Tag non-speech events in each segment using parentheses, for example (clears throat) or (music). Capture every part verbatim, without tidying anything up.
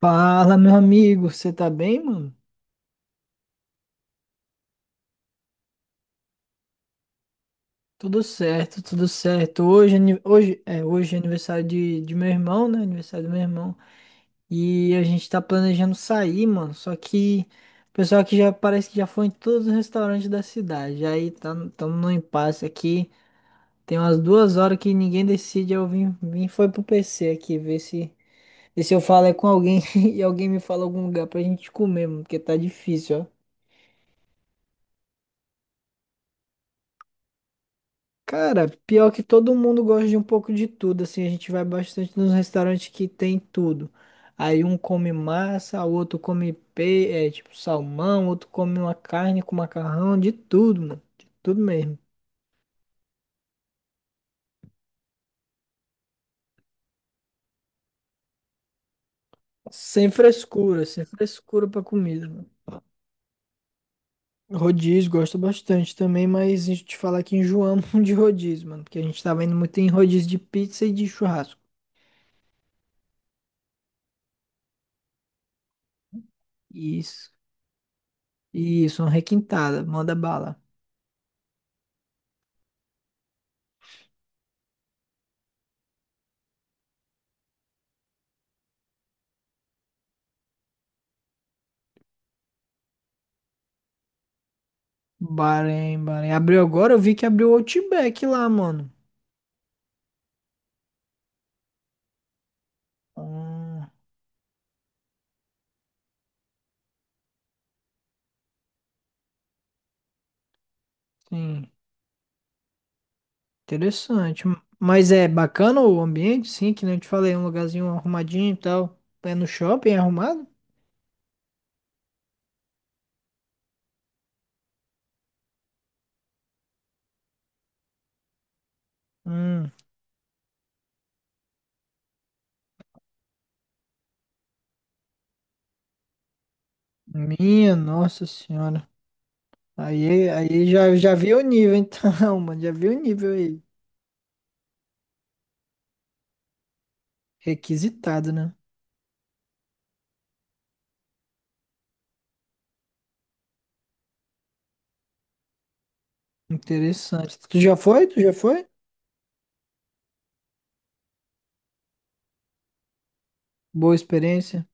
Fala, meu amigo, você tá bem, mano? Tudo certo, tudo certo. Hoje, é ani- hoje, é, hoje é aniversário de, de meu irmão, né? Aniversário do meu irmão. E a gente tá planejando sair, mano. Só que o pessoal aqui já parece que já foi em todos os restaurantes da cidade. Aí tá, estamos no impasse aqui. Tem umas duas horas que ninguém decide. Eu vim, vim foi pro P C aqui ver se, ver se eu falo é com alguém (laughs) e alguém me fala algum lugar pra gente comer, mano, porque tá difícil, ó. Cara, pior que todo mundo gosta de um pouco de tudo, assim, a gente vai bastante nos restaurantes que tem tudo. Aí um come massa, o outro come pe... é, tipo salmão, outro come uma carne com macarrão, de tudo, mano. De tudo mesmo. Sem frescura, sem frescura pra comida, mano. Rodízio, gosto bastante também, mas a gente te falar que enjoamos (laughs) de rodízio, mano, porque a gente tava indo muito em rodízio de pizza e de churrasco. Isso, isso, uma requintada, manda bala. Bahrein, Bahrein. Abriu agora? Eu vi que abriu o Outback lá, mano. Ah, sim, interessante. Mas é bacana o ambiente, sim, que nem eu te falei, um lugarzinho arrumadinho e tal. É no shopping, é arrumado? Hum, minha nossa senhora. Aí, aí já, já vi o nível, então, (laughs) mano. Já vi o nível aí. Requisitado, né? Interessante. Tu já foi? Tu já foi? Boa experiência.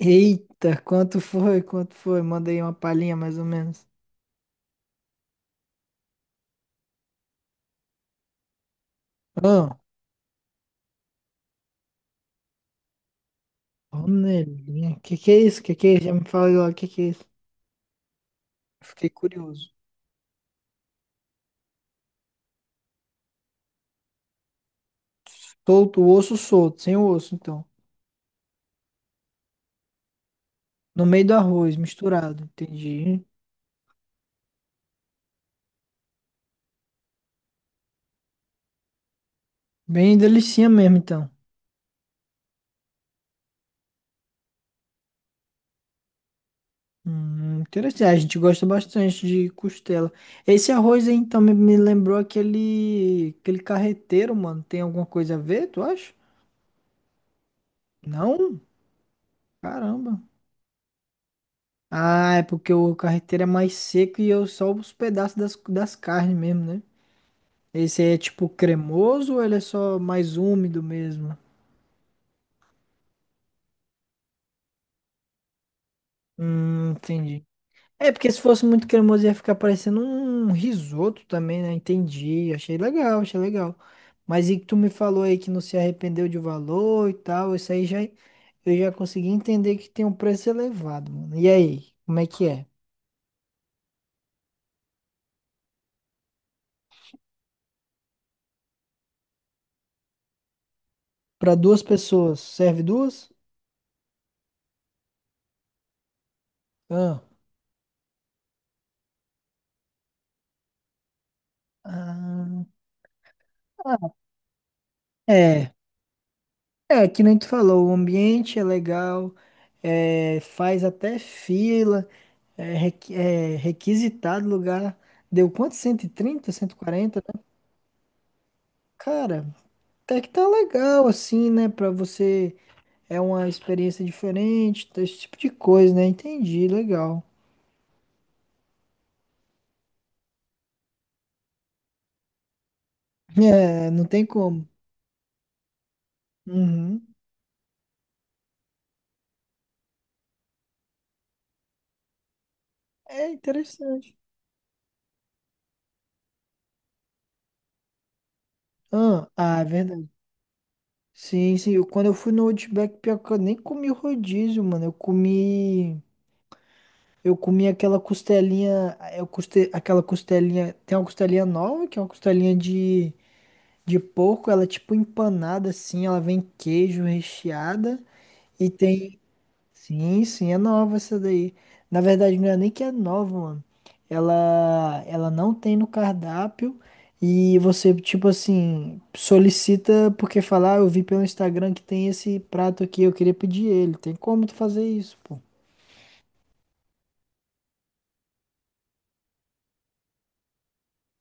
Eita, quanto foi? Quanto foi? Mandei uma palhinha mais ou menos. Ah. Panelinha. Que que é isso? Que que é isso? Já me fala agora, que que é isso? Fiquei curioso. Solto, o osso solto, sem o osso, então. No meio do arroz, misturado. Entendi. Bem delicinha mesmo, então. Hum, interessante. Ah, a gente gosta bastante de costela. Esse arroz aí, então, me, me lembrou aquele, aquele carreteiro, mano. Tem alguma coisa a ver, tu acha? Não? Caramba. Ah, é porque o carreteiro é mais seco e eu só os pedaços das, das carnes mesmo, né? Esse aí é tipo cremoso ou ele é só mais úmido mesmo? Hum, entendi. É, porque se fosse muito cremoso ia ficar parecendo um risoto também, né? Entendi. Achei legal, achei legal. Mas e que tu me falou aí que não se arrependeu de valor e tal, isso aí já eu já consegui entender que tem um preço elevado, mano. E aí, como é que é? Pra duas pessoas, serve duas? Ah. Ah, é. É, que nem tu falou, o ambiente é legal, é, faz até fila, é, requi- é requisitado lugar. Deu quanto? cento e trinta, cento e quarenta, né? Cara, até que tá legal, assim, né? Pra você, é uma experiência diferente, tá, esse tipo de coisa, né? Entendi, legal. É, não tem como. Uhum. É interessante. Ah, ah, é verdade. Sim, sim. eu- Quando eu fui no Outback, pior que eu nem comi o rodízio, mano. Eu comi. Eu comi aquela costelinha, eu custe, aquela costelinha, tem uma costelinha nova, que é uma costelinha de, de porco, ela é tipo empanada assim, ela vem queijo recheada e tem, sim, sim, é nova essa daí. Na verdade, não é nem que é nova, mano. Ela, ela não tem no cardápio e você, tipo assim, solicita porque falar, ah, eu vi pelo Instagram que tem esse prato aqui, eu queria pedir ele. Tem como tu fazer isso, pô?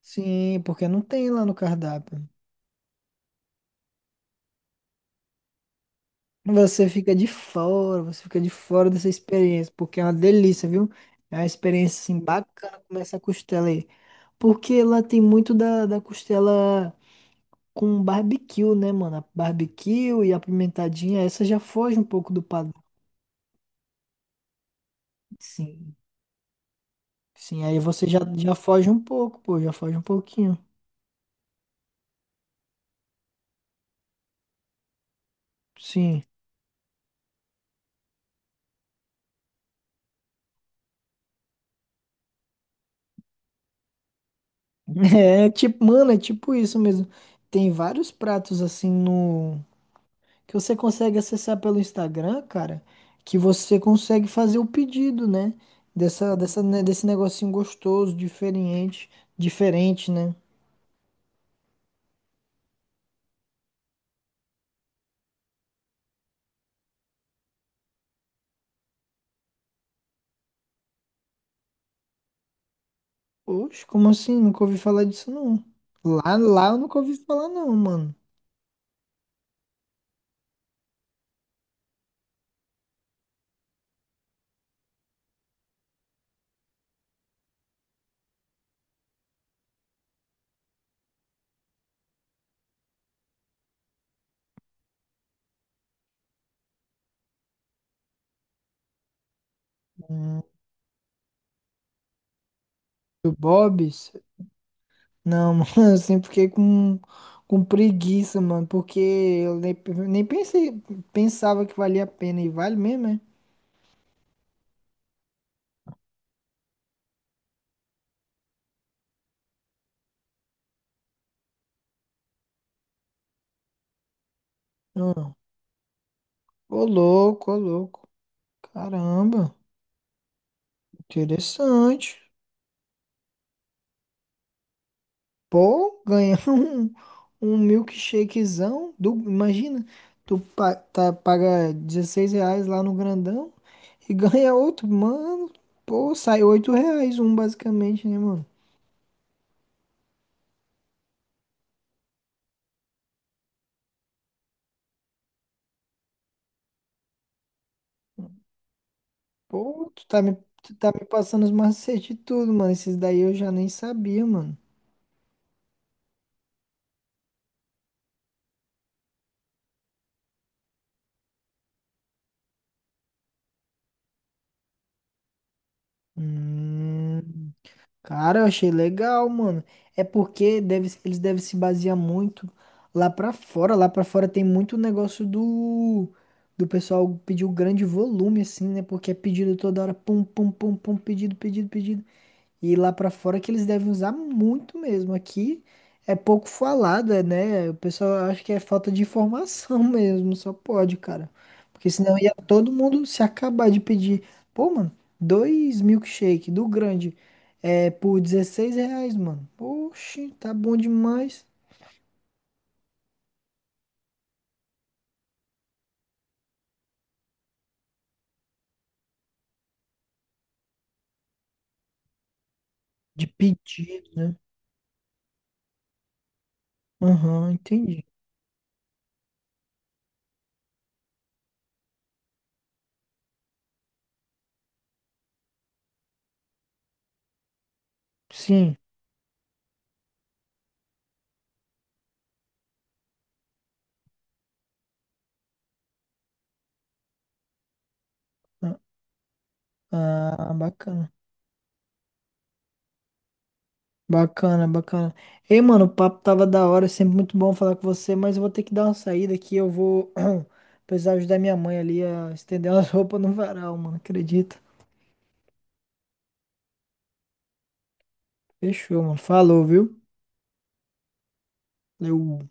Sim, porque não tem lá no cardápio. Você fica de fora, você fica de fora dessa experiência, porque é uma delícia, viu? É uma experiência assim bacana comer essa costela aí. Porque lá tem muito da, da costela com barbecue, né, mano? A barbecue e a pimentadinha, essa já foge um pouco do padrão. Sim, sim, aí você já, já foge um pouco, pô, já foge um pouquinho. Sim. (laughs) É tipo, mano, é tipo isso mesmo. Tem vários pratos assim no. Que você consegue acessar pelo Instagram, cara, que você consegue fazer o pedido, né? Dessa, dessa, né, desse negocinho gostoso, diferente, diferente, né? Oxe, como assim? Nunca ouvi falar disso, não. Lá, lá eu nunca ouvi falar, não, mano. Hum, Do Bob's? Não, (laughs) mano, eu sempre fiquei com, com preguiça, mano, porque eu nem, nem pensei, pensava que valia a pena, e vale mesmo, é? Não. Ô, louco, ô, louco. Caramba, interessante. Pô, ganhar (laughs) um, um milkshakezão. Do, imagina, tu pa- tá, paga dezesseis reais lá no grandão e (laughs) ganha outro, mano. Pô, sai oito reais um basicamente, né, mano? Pô, tu tá me, tu tá me passando os macetes de tudo, mano. Esses daí eu já nem sabia, mano. Hum. Cara, eu achei legal, mano. É porque deve, eles devem se basear muito lá pra fora. Lá pra fora tem muito negócio do do pessoal pedir o grande volume, assim, né? Porque é pedido toda hora, pum, pum, pum, pum, pedido, pedido, pedido. E lá pra fora que eles devem usar muito mesmo. Aqui é pouco falada, né? O pessoal acha que é falta de informação (laughs) mesmo, só pode, cara. Porque senão ia todo mundo se acabar de pedir. Pô, mano, dois milkshake do grande é por dezesseis reais, mano. Oxi, tá bom demais. De pedido, né? Aham, entendi. Sim. Ah, ah, bacana. Bacana, bacana. Ei, mano, o papo tava da hora, é sempre muito bom falar com você, mas eu vou ter que dar uma saída aqui, eu vou (clears throat) precisar ajudar minha mãe ali a estender umas (laughs) roupas no varal, mano, acredita? Fechou, mano. Falou, viu? Valeu.